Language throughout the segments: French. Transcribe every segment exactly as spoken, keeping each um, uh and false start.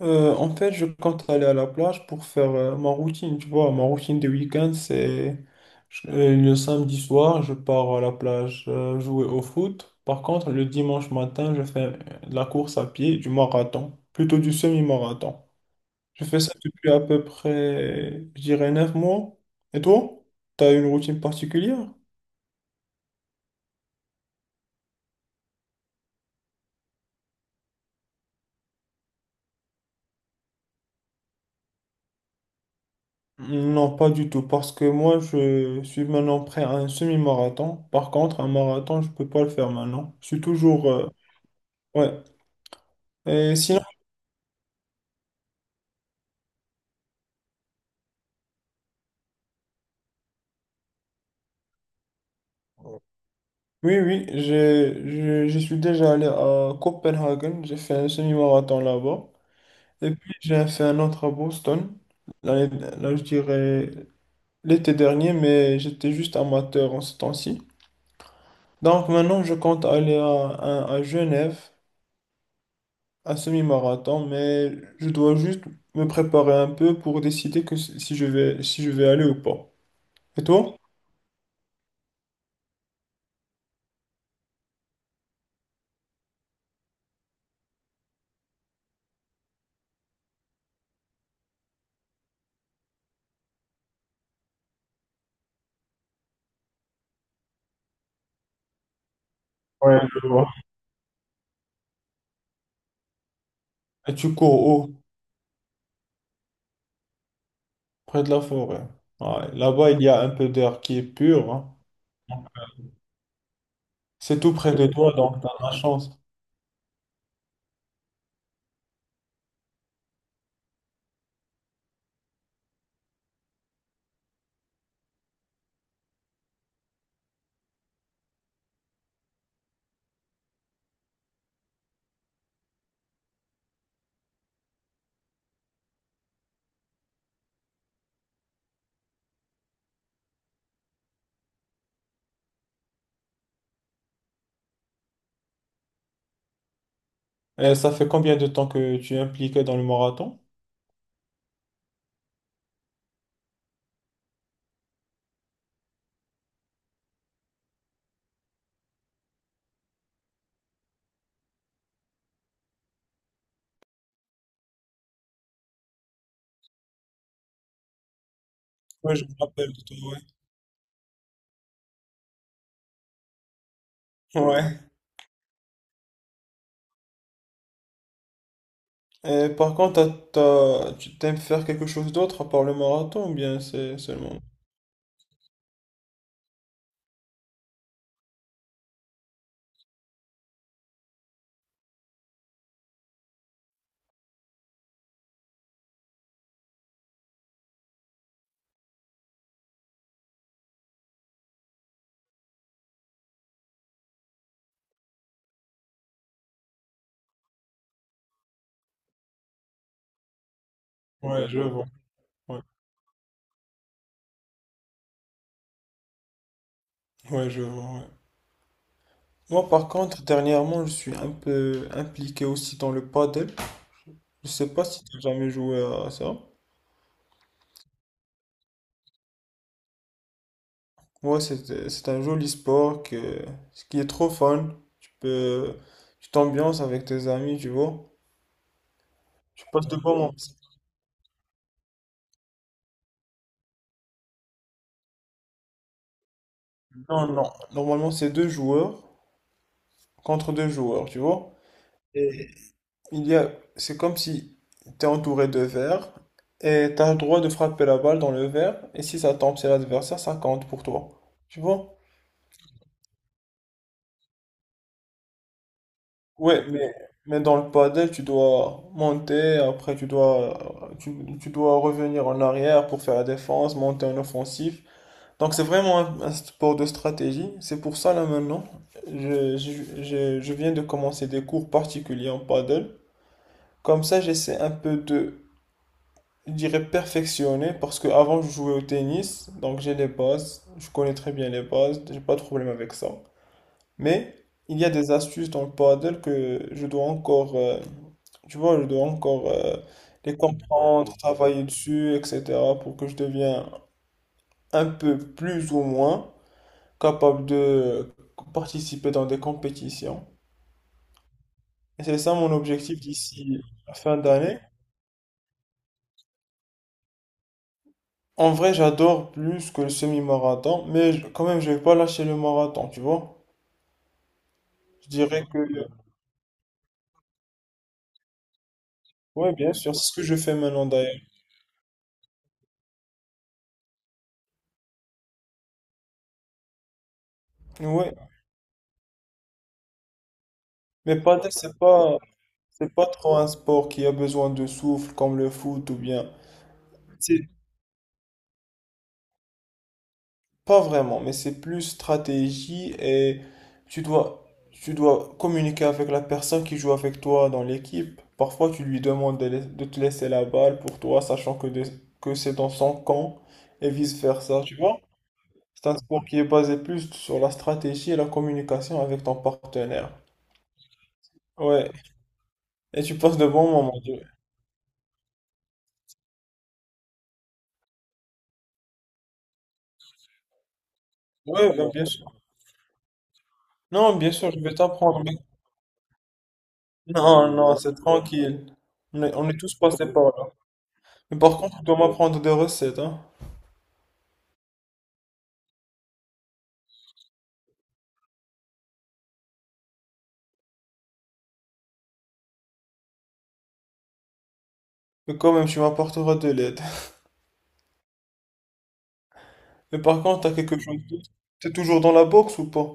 Euh, en fait, je compte aller à la plage pour faire euh, ma routine, tu vois. Ma routine de week-end, c'est je- euh, le samedi soir, je pars à la plage euh, jouer au foot. Par contre, le dimanche matin, je fais euh, de la course à pied, du marathon, plutôt du semi-marathon. Je fais ça depuis à peu près, je dirais, neuf mois. Et toi? T'as une routine particulière? Non, pas du tout, parce que moi, je suis maintenant prêt à un semi-marathon. Par contre, un marathon, je peux pas le faire maintenant. Je suis toujours... euh, ouais. Et sinon, oui, oui, j'ai- je, je suis déjà allé à Copenhague, j'ai fait un semi-marathon là-bas. Et puis, j'ai fait un autre à Boston, l'année- là, je dirais l'été dernier, mais j'étais juste amateur en ce temps-ci. Donc maintenant, je compte aller à, à, à Genève, un semi-marathon, mais je dois juste me préparer un peu pour décider que si si je vais, si je vais aller ou pas. Et toi? Ouais, je vois. Et tu cours où? Près de la forêt. Ouais. Là-bas, il y a un peu d'air qui est pur, hein. C'est tout près de toi, donc t'as de la chance. Et ça fait combien de temps que tu es impliqué dans le marathon? Oui, je me rappelle de toi, ouais. Ouais. Et par contre, t'as- t'as- tu t'aimes faire quelque chose d'autre à part le marathon ou bien c'est seulement... Ouais, je vois. Ouais, ouais, je vois. Ouais. Moi, par contre, dernièrement, je suis un peu impliqué aussi dans le paddle. Je sais pas si tu as jamais joué à ça. Ouais, c'est c'est un joli sport que, ce qui est trop fun. Tu peux, tu t'ambiances avec tes amis, tu vois. Tu passes de bons moments. Non, non. Normalement, c'est deux joueurs contre deux joueurs, tu vois. Et il y a, c'est comme si tu es entouré de verres et tu as le droit de frapper la balle dans le verre. Et si ça tombe, c'est l'adversaire, ça compte pour toi. Tu vois? Ouais, mais, mais dans le padel, tu dois monter, après tu dois, tu, tu dois revenir en arrière pour faire la défense, monter en offensif. Donc c'est vraiment un, un sport de stratégie. C'est pour ça là maintenant, je, je, je, je viens de commencer des cours particuliers en padel. Comme ça, j'essaie un peu de, je dirais, perfectionner parce que avant je jouais au tennis, donc j'ai les bases, je connais très bien les bases, j'ai pas de problème avec ça. Mais il y a des astuces dans le paddle que je dois encore, euh, tu vois, je dois encore euh, les comprendre, travailler dessus, et cetera pour que je devienne un peu plus ou moins capable de euh, participer dans des compétitions. Et c'est ça mon objectif d'ici la fin d'année. En vrai, j'adore plus que le semi-marathon, mais je- quand même, je vais pas lâcher le marathon, tu vois. Je dirais que, ouais, bien sûr, c'est ce que je fais maintenant d'ailleurs. Ouais, mais paddle, c'est pas. C'est pas trop un sport qui a besoin de souffle comme le foot ou bien. C'est pas vraiment, mais c'est plus stratégie et tu dois, tu dois communiquer avec la personne qui joue avec toi dans l'équipe. Parfois, tu lui demandes de, lais- de te laisser la balle pour toi, sachant que, de- que c'est dans son camp et vice-versa, tu vois? C'est un sport qui est basé plus sur la stratégie et la communication avec ton partenaire. Ouais, et tu passes de bons moments. Ouais, ouais, bien sûr. Non, bien sûr, je vais t'apprendre. Non, non, c'est tranquille. On est, on est tous passés par là. Mais par contre, tu dois m'apprendre des recettes, hein. Mais quand même, tu m'apporteras de l'aide. Mais par contre, t'as quelque chose d'autre? T'es toujours dans la boxe ou pas?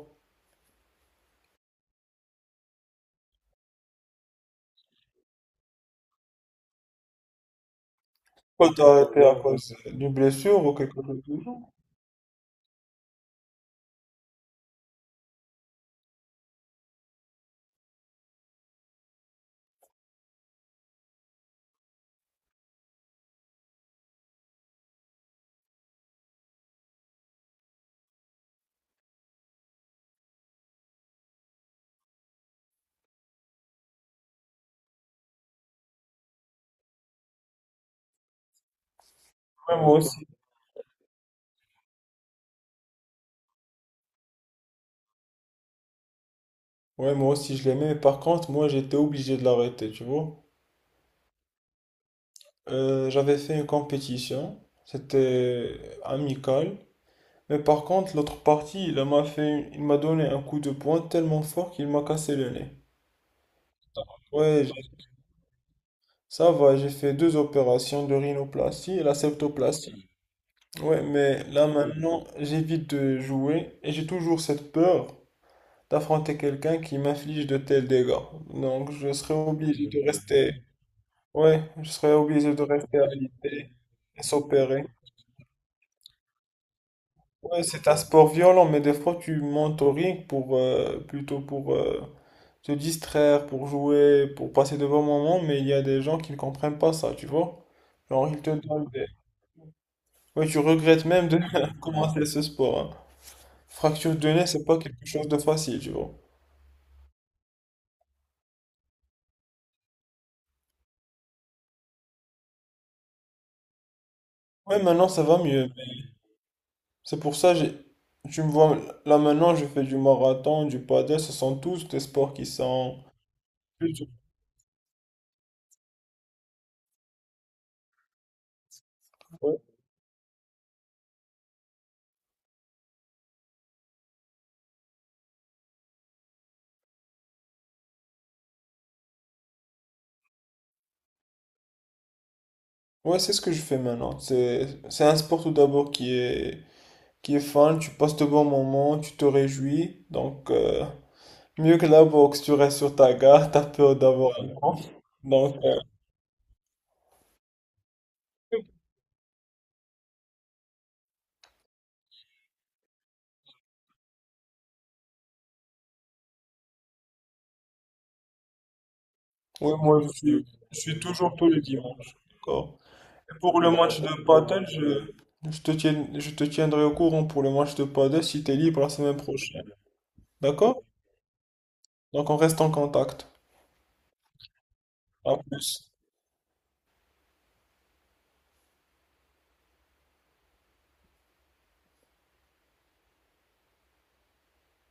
Quoi, t'as arrêté à cause d'une blessure ou quelque chose du genre? Ouais, moi aussi. Ouais, moi aussi, je l'aimais, mais par contre, moi, j'étais obligé de l'arrêter, tu vois. Euh, j'avais fait une compétition. C'était amical. Mais par contre, l'autre partie, il m'a fait, il m'a donné un coup de poing tellement fort qu'il m'a cassé le nez. Ouais, ça va, j'ai fait deux opérations de rhinoplastie et la septoplastie. Ouais, mais là maintenant, j'évite de jouer et j'ai toujours cette peur d'affronter quelqu'un qui m'inflige de tels dégâts. Donc, je serais obligé de rester. Ouais, je serais obligé de rester alité et s'opérer. Ouais, c'est un sport violent, mais des fois tu montes au ring pour euh, plutôt pour euh, te distraire, pour jouer, pour passer de bons moments, mais il y a des gens qui ne comprennent pas ça, tu vois. Genre, ils te donnent des- Oui, tu regrettes même de commencer ce sport, hein. Fracture de nez, c'est pas quelque chose de facile, tu vois. Ouais, maintenant ça va mieux, mais c'est pour ça, j'ai... tu me vois là maintenant, je fais du marathon, du paddle, ce sont tous des sports qui sont. Ouais, ouais, c'est ce que je fais maintenant. C'est c'est un sport tout d'abord qui est qui est fun, tu passes de bons moments, tu te réjouis. Donc euh, mieux que la boxe, tu restes sur ta garde, t'as peur d'avoir un cramp. Donc euh, oui, moi je suis je suis toujours tous les dimanches. D'accord. Pour le match de paddle, je, je te tiens- je te tiendrai au courant pour le match de paddle si tu es libre la semaine prochaine. D'accord? Donc on reste en contact. À plus.